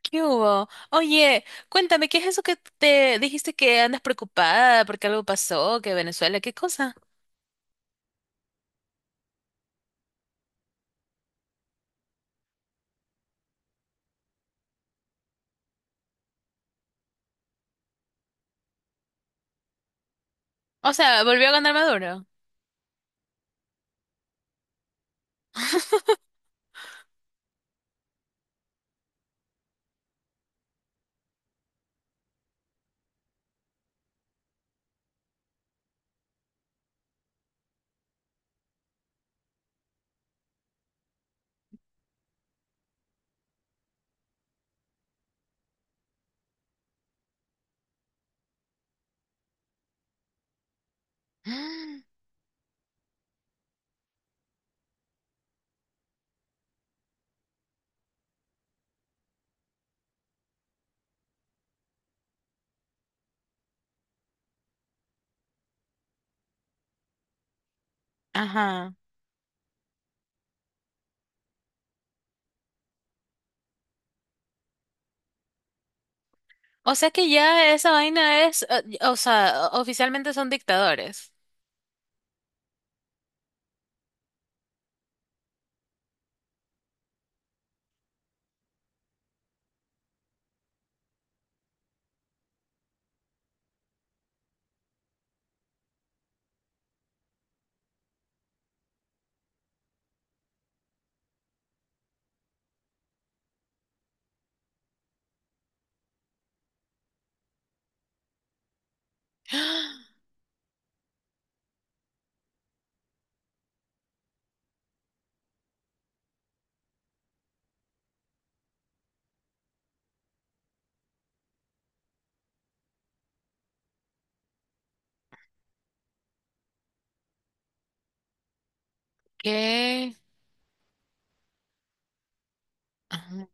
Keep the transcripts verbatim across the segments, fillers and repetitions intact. ¿Qué hubo? Oye, cuéntame, ¿qué es eso que te dijiste que andas preocupada porque algo pasó, que Venezuela, qué cosa? O sea, volvió a ganar Maduro. Mm. Ajá. O sea que ya esa vaina es, eh, y- o sea, o- oficialmente son dictadores. ¿Qué? Ajá.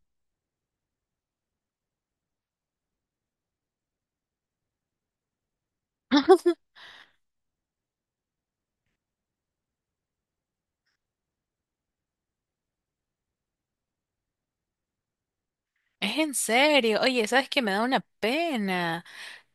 Es en serio. Oye, ¿sabes qué? Me da una pena.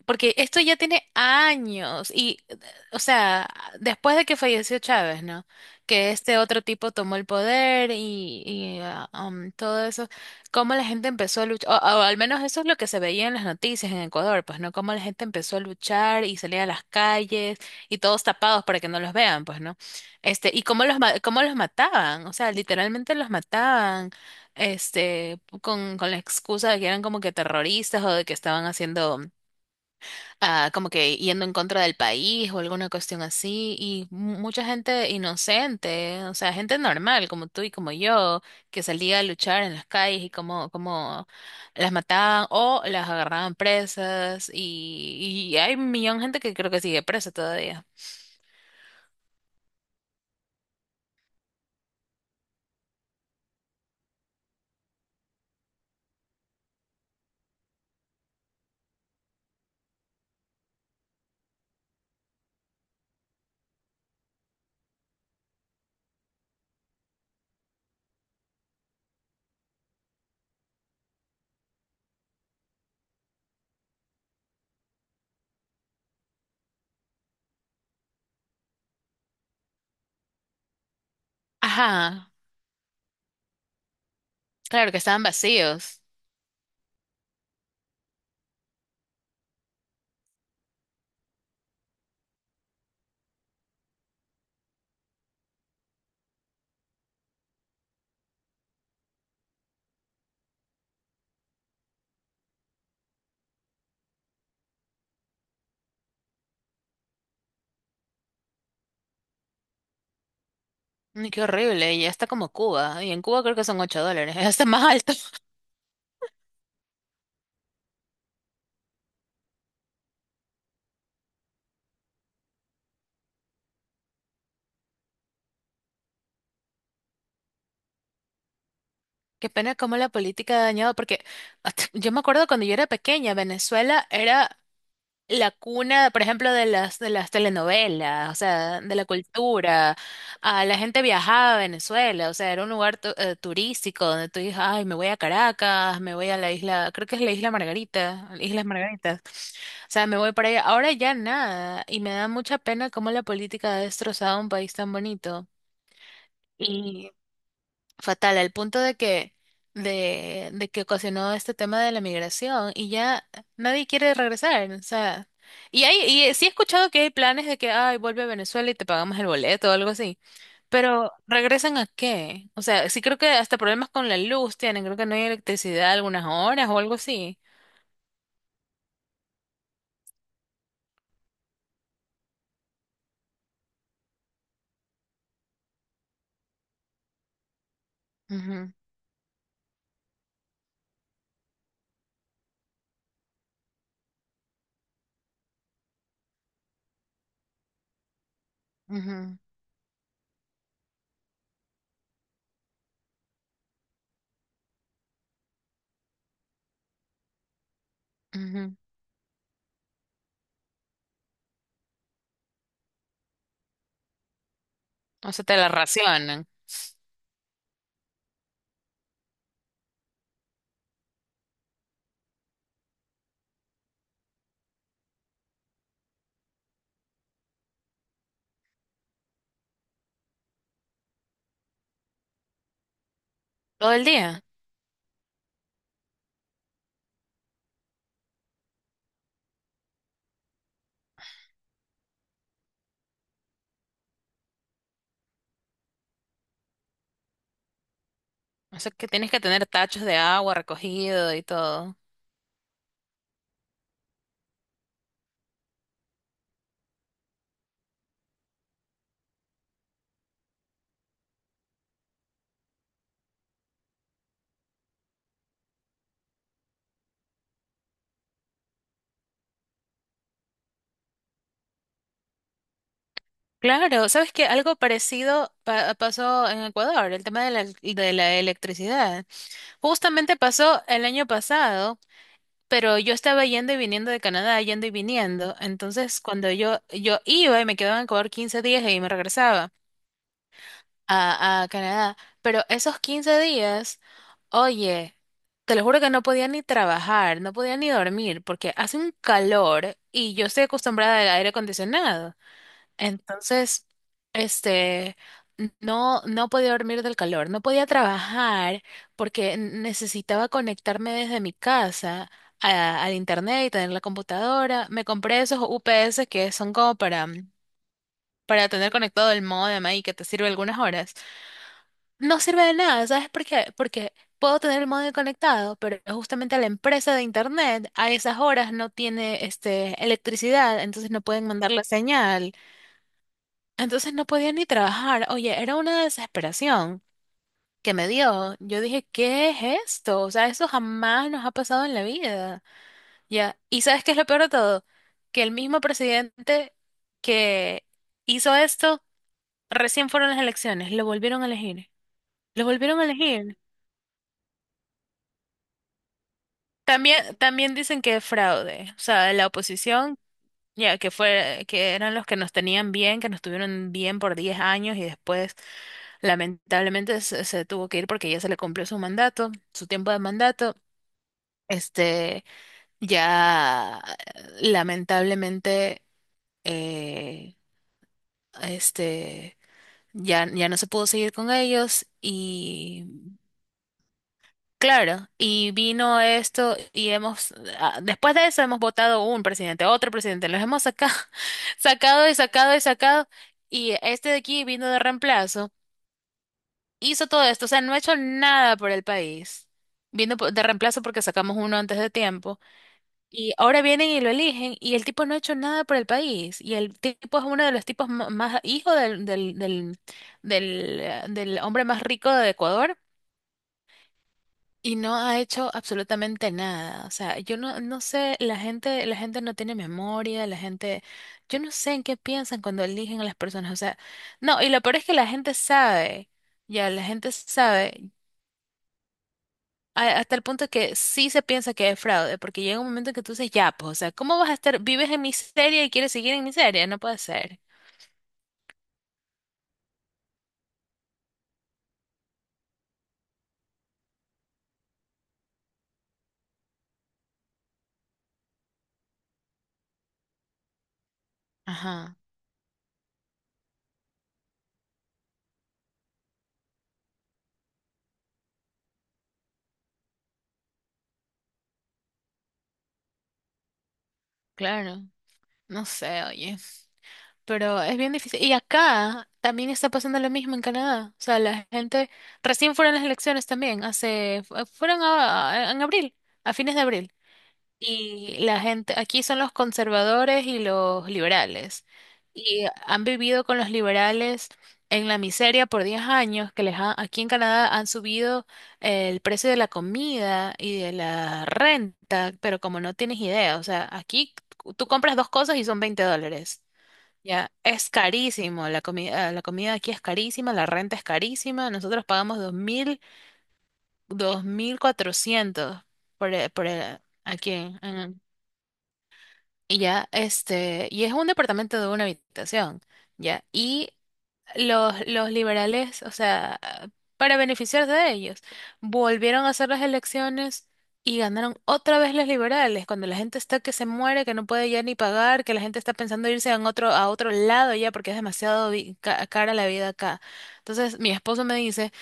Porque esto ya tiene años y, eh, o sea, después de que falleció Chávez, ¿no? Que este otro tipo tomó el poder y, y, ah, um, todo eso, cómo la gente empezó a luchar, o, o al menos eso es lo que se veía en las noticias en Ecuador, pues, ¿no? Cómo la gente empezó a luchar y salía a las calles y todos tapados para que no los vean, pues, ¿no? Este, y cómo los, ma- cómo los mataban, o sea, literalmente los mataban. Este, con, con la excusa de que eran como que terroristas o de que estaban haciendo ah, como que yendo en contra del país o alguna cuestión así, y mu- mucha gente inocente, o sea, gente normal como tú y como yo, que salía a luchar en las calles y como, como las mataban o las agarraban presas, y, y hay un millón de gente que creo que sigue presa todavía. Ajá, claro que estaban vacíos. Ay, qué horrible, y ya está como Cuba, y en Cuba creo que son ocho dólares, ya está más alto. Qué pena cómo la política ha dañado, porque hasta- yo me acuerdo cuando yo era pequeña, Venezuela era la cuna, por ejemplo, de las, de las telenovelas, o sea, de la cultura. Ah, la gente viajaba a Venezuela, o sea, era un lugar tu- eh, turístico donde tú dices, ay, me voy a Caracas, me voy a la isla, creo que es la isla Margarita, Islas Margaritas. O sea, me voy para allá. Ahora ya nada, y me da mucha pena cómo la política ha destrozado un país tan bonito. Y fatal, al punto de que, de, de que ocasionó este tema de la migración y ya nadie quiere regresar, o sea, y hay, y sí he escuchado que hay planes de que, ay, vuelve a Venezuela y te pagamos el boleto o algo así, pero ¿regresan a qué? O sea, sí creo que hasta problemas con la luz tienen, creo que no hay electricidad algunas horas o algo así. Ujú. Ujú. Ujú. O sea, te la racionan todo el día. O sea, que tienes que tener tachos de agua recogido y todo. Claro, sabes que algo parecido pa- pasó en Ecuador, el tema de la, de la electricidad. Justamente pasó el año pasado, pero yo estaba yendo y viniendo de Canadá, yendo y viniendo. Entonces, cuando yo, yo iba y me quedaba en Ecuador quince días y me regresaba a, a Canadá, pero esos quince días, oye, te lo juro que no podía ni trabajar, no podía ni dormir, porque hace un calor y yo estoy acostumbrada al aire acondicionado. Entonces, este, no, no podía dormir del calor, no podía trabajar porque necesitaba conectarme desde mi casa a- al internet y tener la computadora. Me compré esos U P S que son como para, mm, para tener conectado el módem ahí que te sirve algunas horas. No sirve de nada, ¿sabes por qué? Porque puedo tener el módem conectado, pero justamente la empresa de internet a esas horas no tiene este, electricidad, entonces no pueden mandar la señal. Entonces no podía ni trabajar. Oye, era una desesperación que me dio. Yo dije, ¿qué es esto? O sea, eso jamás nos ha pasado en la vida. Ya. ¿Y sabes qué es lo peor de todo? Que el mismo presidente que hizo esto, recién fueron las elecciones, lo volvieron a elegir. Lo volvieron a elegir. También, también dicen que es fraude. O sea, la oposición. Ya, que fue, que eran los que nos tenían bien, que nos tuvieron bien por diez años y después lamentablemente se, se tuvo que ir porque ya se le cumplió su mandato, su tiempo de mandato. Este, ya lamentablemente, eh, este, ya, ya no se pudo seguir con ellos y Claro, y vino esto y hemos, ah, después de eso hemos votado un presidente, otro presidente, los hemos sacado, sacado y sacado y sacado, y este de aquí vino de reemplazo, hizo todo esto, o sea, no ha hecho nada por el país, vino po- de reemplazo porque sacamos uno antes de tiempo, y ahora vienen y lo eligen, y el tipo no ha hecho nada por el país, y el tipo es uno de los tipos ma- más, hijo del, del, del, del, eh, del hombre más rico de Ecuador. Y no ha hecho absolutamente nada. O sea, yo no, no sé, la gente, la gente no tiene memoria, la gente, yo no sé en qué piensan cuando eligen a las personas. O sea, no, y lo peor es que la gente sabe, ya, la gente sabe, a- hasta el punto que sí se piensa que es fraude, porque llega un momento en que tú dices, ya, pues, o sea, ¿cómo vas a estar, vives en miseria y quieres seguir en miseria? No puede ser. Ajá, claro. No sé, oye. Pero es bien difícil. Y acá también está pasando lo mismo en Canadá. O sea, la gente recién fueron las elecciones también, hace, fu- eh, fueron a- a- en abril, a fines de abril. Y la gente, aquí son los conservadores y los liberales. Y han vivido con los liberales en la miseria por diez años, que les ha- aquí en Canadá han subido el precio de la comida y de la renta, pero como no tienes idea, o sea, aquí tú compras dos cosas y son veinte dólares. Ya, es carísimo, la comida, la comida aquí es carísima, la renta es carísima, nosotros pagamos dos dos mil dos mil cuatrocientos por, e- por e- aquí en- en- y ya, este, y es un departamento de una habitación, ya, y los, los liberales, o sea, para beneficiarse de ellos, volvieron a hacer las elecciones y ganaron otra vez los liberales, cuando la gente está que se muere, que no puede ya ni pagar, que la gente está pensando irse a otro, a otro lado ya porque es demasiado vi- ca- cara la vida acá. Entonces, mi esposo me dice,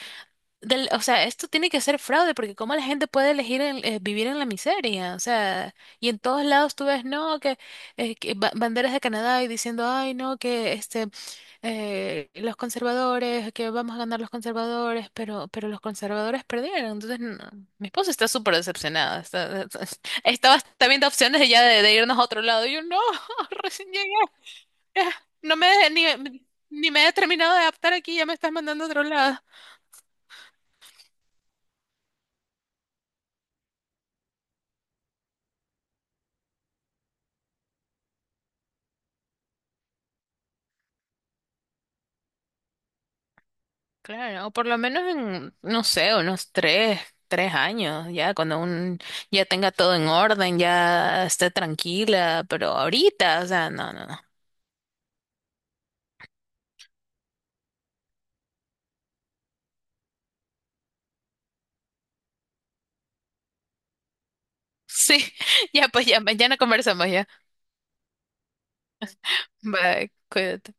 del- o sea, esto tiene que ser fraude, porque cómo la gente puede elegir el- eh, vivir en la miseria, o sea, y en todos lados tú ves, no, que, eh, que ba- banderas de Canadá y diciendo, ay, no, que este, eh, los conservadores, que vamos a ganar los conservadores, pero, pero los conservadores perdieron, entonces, no, mi esposa está súper decepcionada, está, está, estaba hasta viendo opciones de ya de, de irnos a otro lado, y yo, no, recién llegué, eh, no me, ni, ni me he terminado de adaptar aquí, ya me estás mandando a otro lado. Claro, o por lo menos en, no sé, unos tres, tres años, ya cuando un, ya tenga todo en orden, ya esté tranquila, pero ahorita, o sea, no, no, no. Sí, ya pues ya, mañana conversamos ya. Bye, cuídate.